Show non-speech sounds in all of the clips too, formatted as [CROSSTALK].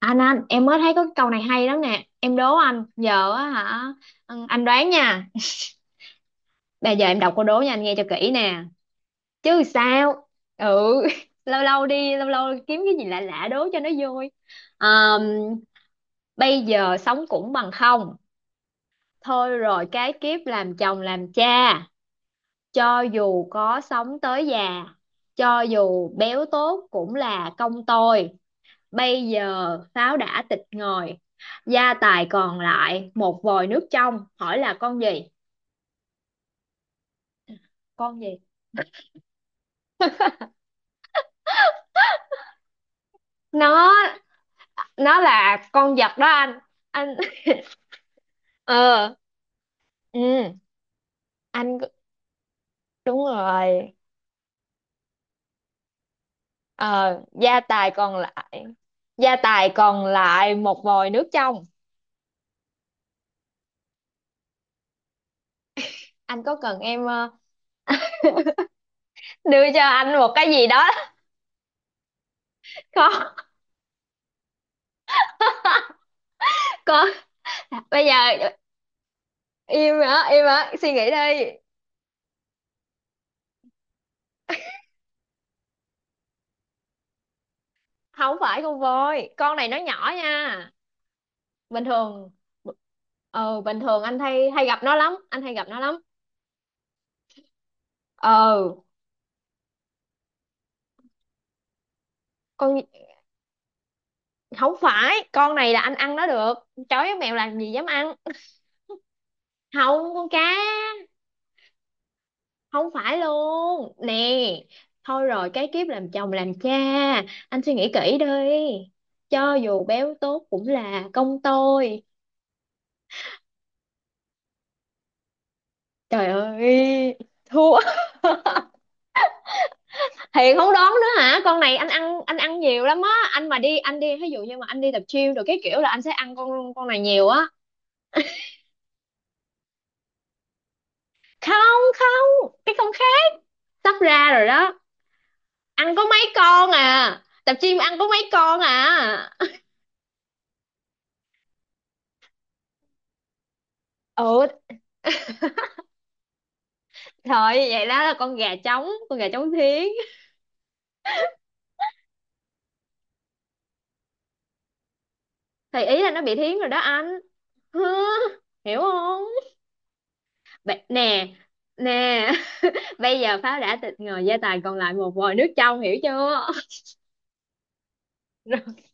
Anh, em mới thấy có cái câu này hay lắm nè. Em đố anh. Giờ á hả? Ừ, anh đoán nha. [LAUGHS] Bây giờ em đọc câu đố nha, anh nghe cho kỹ nè. Chứ sao. Ừ. [LAUGHS] Lâu lâu đi Lâu lâu kiếm cái gì lạ lạ đố cho nó vui. Ờm, Bây giờ sống cũng bằng không. Thôi rồi cái kiếp làm chồng làm cha. Cho dù có sống tới già, cho dù béo tốt cũng là công tôi. Bây giờ pháo đã tịch ngòi, gia tài còn lại một vòi nước trong, hỏi là con gì? Con gì? nó nó là con vật đó anh. Anh. [LAUGHS] Ờ. Ừ. Anh, đúng rồi. Ờ, gia tài còn lại một vòi nước trong. Anh có cần em đưa cho anh một cái gì đó? [LAUGHS] Không. Con, bây giờ im hả? Im hả? Suy nghĩ đi. Không phải con voi, con này nó nhỏ nha. Bình thường. Ờ, bình thường anh hay hay gặp nó lắm, anh hay gặp nó lắm. Ờ. Con. Không phải, con này là anh ăn nó được. Chó với mèo làm gì dám ăn. Không, con cá. Không phải luôn nè. Thôi rồi cái kiếp làm chồng làm cha, anh suy nghĩ kỹ đi, cho dù béo tốt cũng là công tôi. Trời ơi, thua. [LAUGHS] Thì không đón nữa hả? Con này anh ăn, anh ăn nhiều lắm á. Anh mà đi, anh đi ví dụ như mà anh đi tập gym rồi cái kiểu là anh sẽ ăn con này nhiều á. Không không, cái con khác. Sắp ra rồi đó. Ăn có mấy con à? Tập gym ăn có mấy con à? Ừ, trời, vậy đó là con gà trống, con gà trống thiến. Thì ý là nó bị thiến rồi đó anh. Hứ, hiểu không? Nè, nè. [LAUGHS] Bây giờ pháo đã tịch ngồi, gia tài còn lại một vòi nước trong, hiểu chưa? [LAUGHS]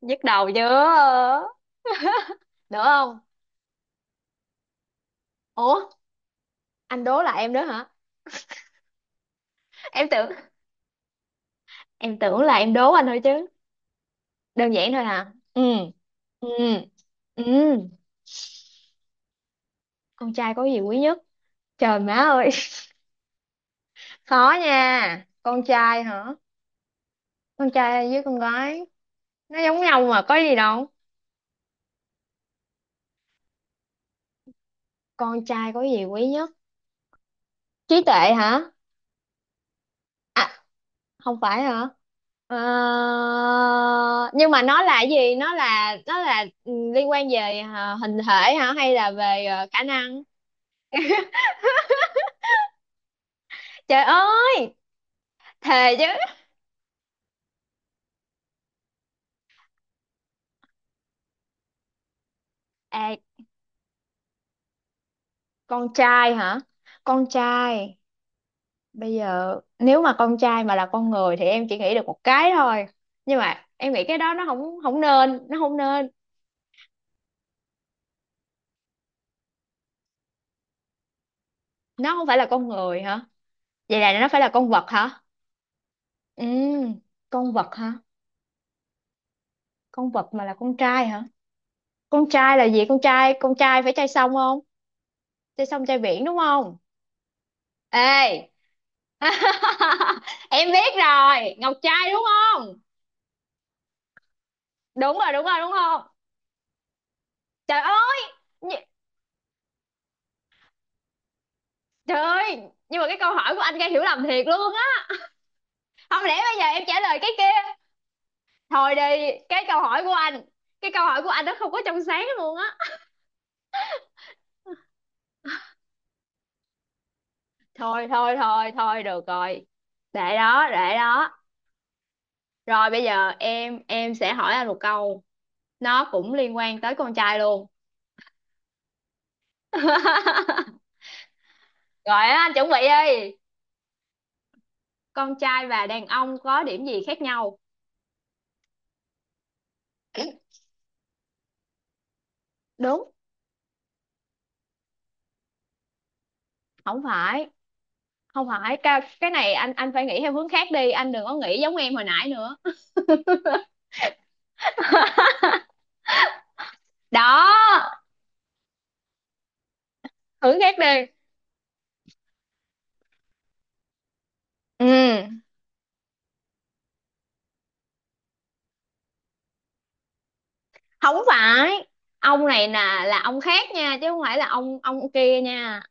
Nhức đầu chưa? Được không? Ủa, anh đố là em đó hả? Em tưởng em tưởng là em đố anh thôi chứ. Đơn giản thôi hả? Ừ. Ừ. Ừ. Con trai có gì quý nhất? Trời má ơi, [LAUGHS] khó nha. Con trai hả? Con trai với con gái nó giống nhau mà có gì đâu. Con trai có gì quý nhất? Trí tuệ hả? Không phải hả? Ờ, nhưng mà nó là cái gì? Nó là liên quan về hình thể hả, hay là về khả năng? Trời ơi, thề chứ. Ê, con trai hả? Con trai, bây giờ nếu mà con trai mà là con người thì em chỉ nghĩ được một cái thôi, nhưng mà em nghĩ cái đó nó không không nên, nó không nên. Nó không phải là con người hả? Vậy là nó phải là con vật hả? Ừ, con vật hả? Con vật mà là con trai hả? Con trai là gì? Con trai phải trai sông không? Trai sông, trai biển đúng không? Ê. [LAUGHS] Em biết rồi, ngọc trai đúng không? Đúng rồi, đúng rồi, đúng không? Trời ơi. Trời ơi, nhưng mà cái câu hỏi của anh gây hiểu lầm thiệt luôn á. Không lẽ bây giờ em trả lời cái kia? Thôi đi, cái câu hỏi của anh, cái câu hỏi của anh nó không có trong sáng luôn á. Thôi thôi thôi thôi được rồi. Để đó, để đó. Rồi bây giờ em sẽ hỏi anh một câu, nó cũng liên quan tới con trai luôn. [LAUGHS] Rồi á, anh chuẩn bị đi. Con trai và đàn ông có điểm gì khác nhau? Đúng, không phải, không phải. Cái này anh phải nghĩ theo hướng khác đi, anh đừng có nghĩ giống em hồi nãy nữa đó. Thử khác đi. Ừ. Không phải, ông này nè là ông khác nha, chứ không phải là ông kia nha.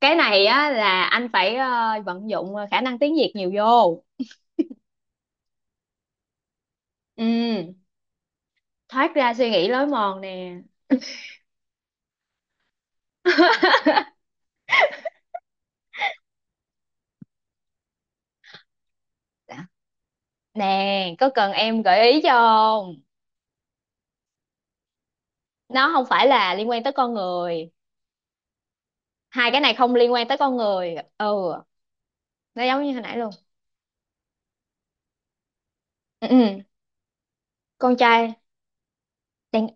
Cái này á là anh phải vận dụng khả năng tiếng Việt nhiều vô. Ừ. Thoát ra suy nghĩ lối mòn nè. Dạ. Nè, có cần em gợi ý cho không? Nó không phải là liên quan tới con người, hai cái này không liên quan tới con người. Ừ. Nó giống như hồi nãy luôn. Ừ, ừ. Con trai. đàn...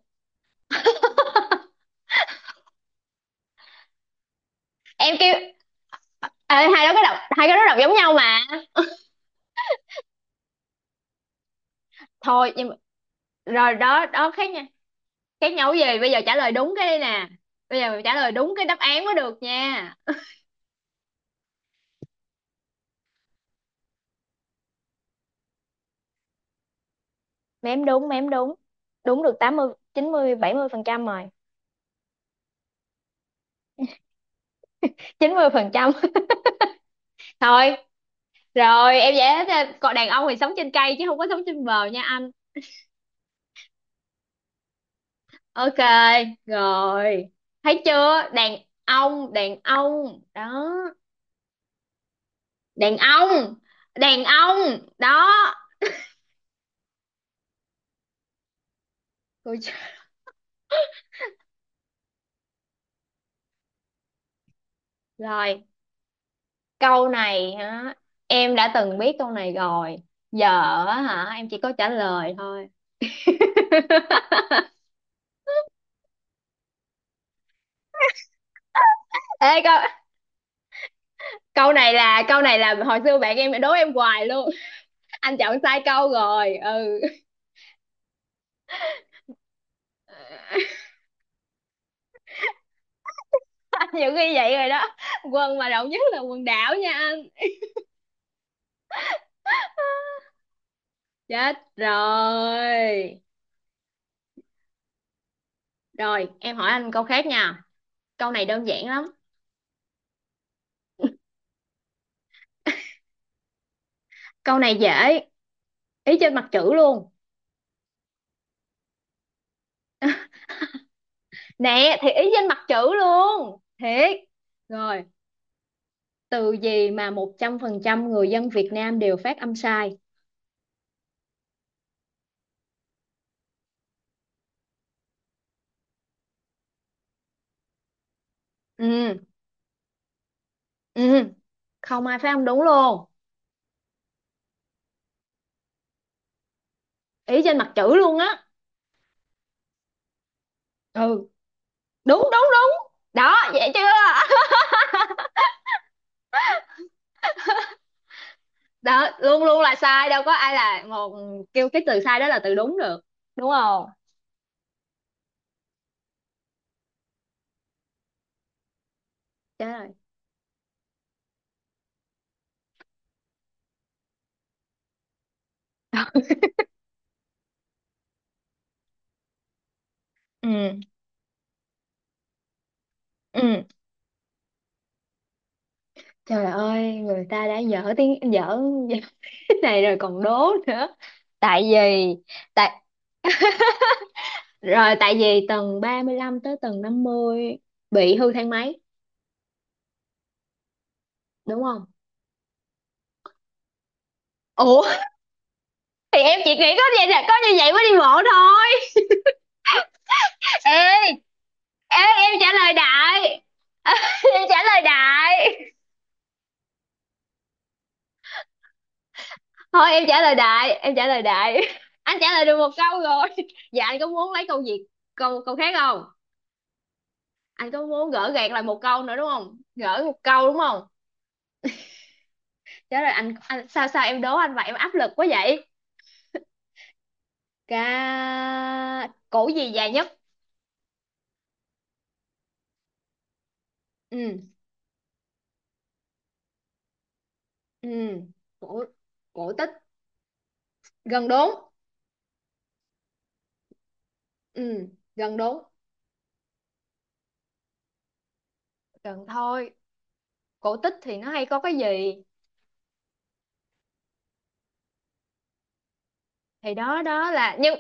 em kêu. Ê, hai đó cái đọc, hai cái đó đọc giống nhau mà. Thôi nhưng, rồi đó đó khác nha. Khác nhau cái gì? Bây giờ trả lời đúng cái đây nè, bây giờ mình trả lời đúng cái đáp án mới được nha. Mém đúng, mém đúng. Đúng được 80, 90, 70% rồi. 90%. [LAUGHS] Thôi. Rồi em dễ thế. Còn đàn ông thì sống trên cây chứ không có sống trên bờ nha anh. Ok, rồi. Thấy chưa? Đàn ông, đàn ông đó. Đàn ông, đàn ông đó. Ôi trời. Rồi, câu này hả? Em đã từng biết câu này rồi. Giờ á hả, em chỉ có trả lời thôi. [LAUGHS] Ê, câu câu này là hồi xưa bạn em đố em hoài luôn. [LAUGHS] Anh chọn sai câu rồi. Ừ. [LAUGHS] Nhiều khi vậy rồi đó. Quân mà rộng nhất là quần đảo nha anh. Chết rồi. Rồi em hỏi anh câu khác nha, câu này đơn giản lắm. Câu này dễ, ý trên mặt chữ luôn. Nè thì ý trên mặt chữ luôn thiệt. Rồi, từ gì mà 100% người dân Việt Nam đều phát âm sai? Ừ. Ừ, không ai phát âm đúng luôn. Ý trên mặt chữ luôn á. Ừ. Đúng đúng đúng đó, vậy chưa? [LAUGHS] Đó, luôn luôn là sai, đâu có ai là một kêu cái từ sai đó là từ đúng được đúng không? Trời ơi. Ừ. Ừ, trời ơi, người ta đã dở tiếng dở. [LAUGHS] Cái này rồi còn đố nữa. Tại vì, tại, rồi tại vì tầng 35 tới tầng 50 bị hư thang máy đúng không? Ủa, thì em chỉ nghĩ có vậy, là có như vậy mới đi bộ thôi. Ê, ê, em trả lời đại. [LAUGHS] Em trả lời đại. Thôi em trả lời đại, em trả lời đại. Anh trả lời được một câu rồi. Dạ, anh có muốn lấy câu gì? Câu câu khác không? Anh có muốn gỡ gạc lại một câu nữa đúng không? Gỡ một câu đúng không? Trả lời anh sao sao em đố anh vậy, em áp lực quá vậy. Cổ gì dài nhất? Ừ. Ừ. Cổ, cổ tích. Gần đúng. Ừ, gần đúng. Gần thôi. Cổ tích thì nó hay có cái gì? Thì đó đó là nhưng.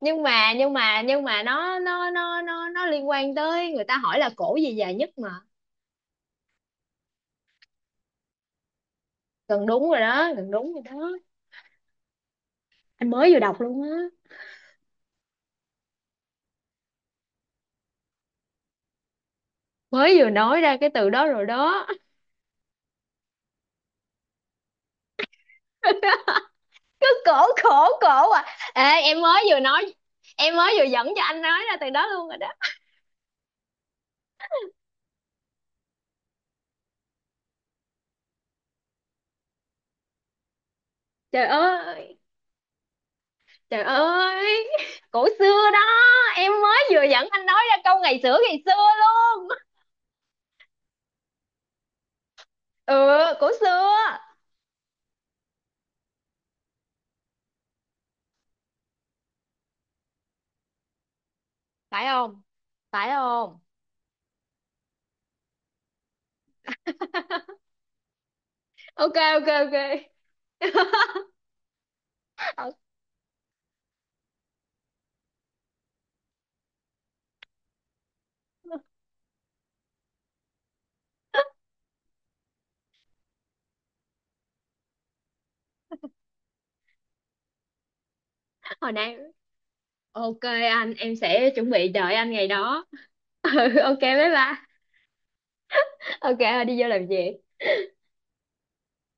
Nhưng mà nó liên quan tới, người ta hỏi là cổ gì dài nhất mà. Gần đúng rồi đó, gần đúng rồi đó. Anh mới vừa đọc luôn á. Mới vừa nói ra cái từ đó rồi đó. [LAUGHS] Cứ cổ khổ cổ à. Ê, em mới vừa nói, em mới vừa dẫn cho anh nói ra từ đó luôn rồi đó. Trời ơi. Trời ơi, cổ xưa đó. Em mới vừa dẫn anh nói ra câu ngày xưa luôn. Ừ, cổ xưa. Phải không? Phải không? Ok, ok, ok. Ờ, hồi nãy ok anh, em sẽ chuẩn bị đợi anh ngày đó. [LAUGHS] Ừ, ok, bye bye. Ok, đi vô làm việc.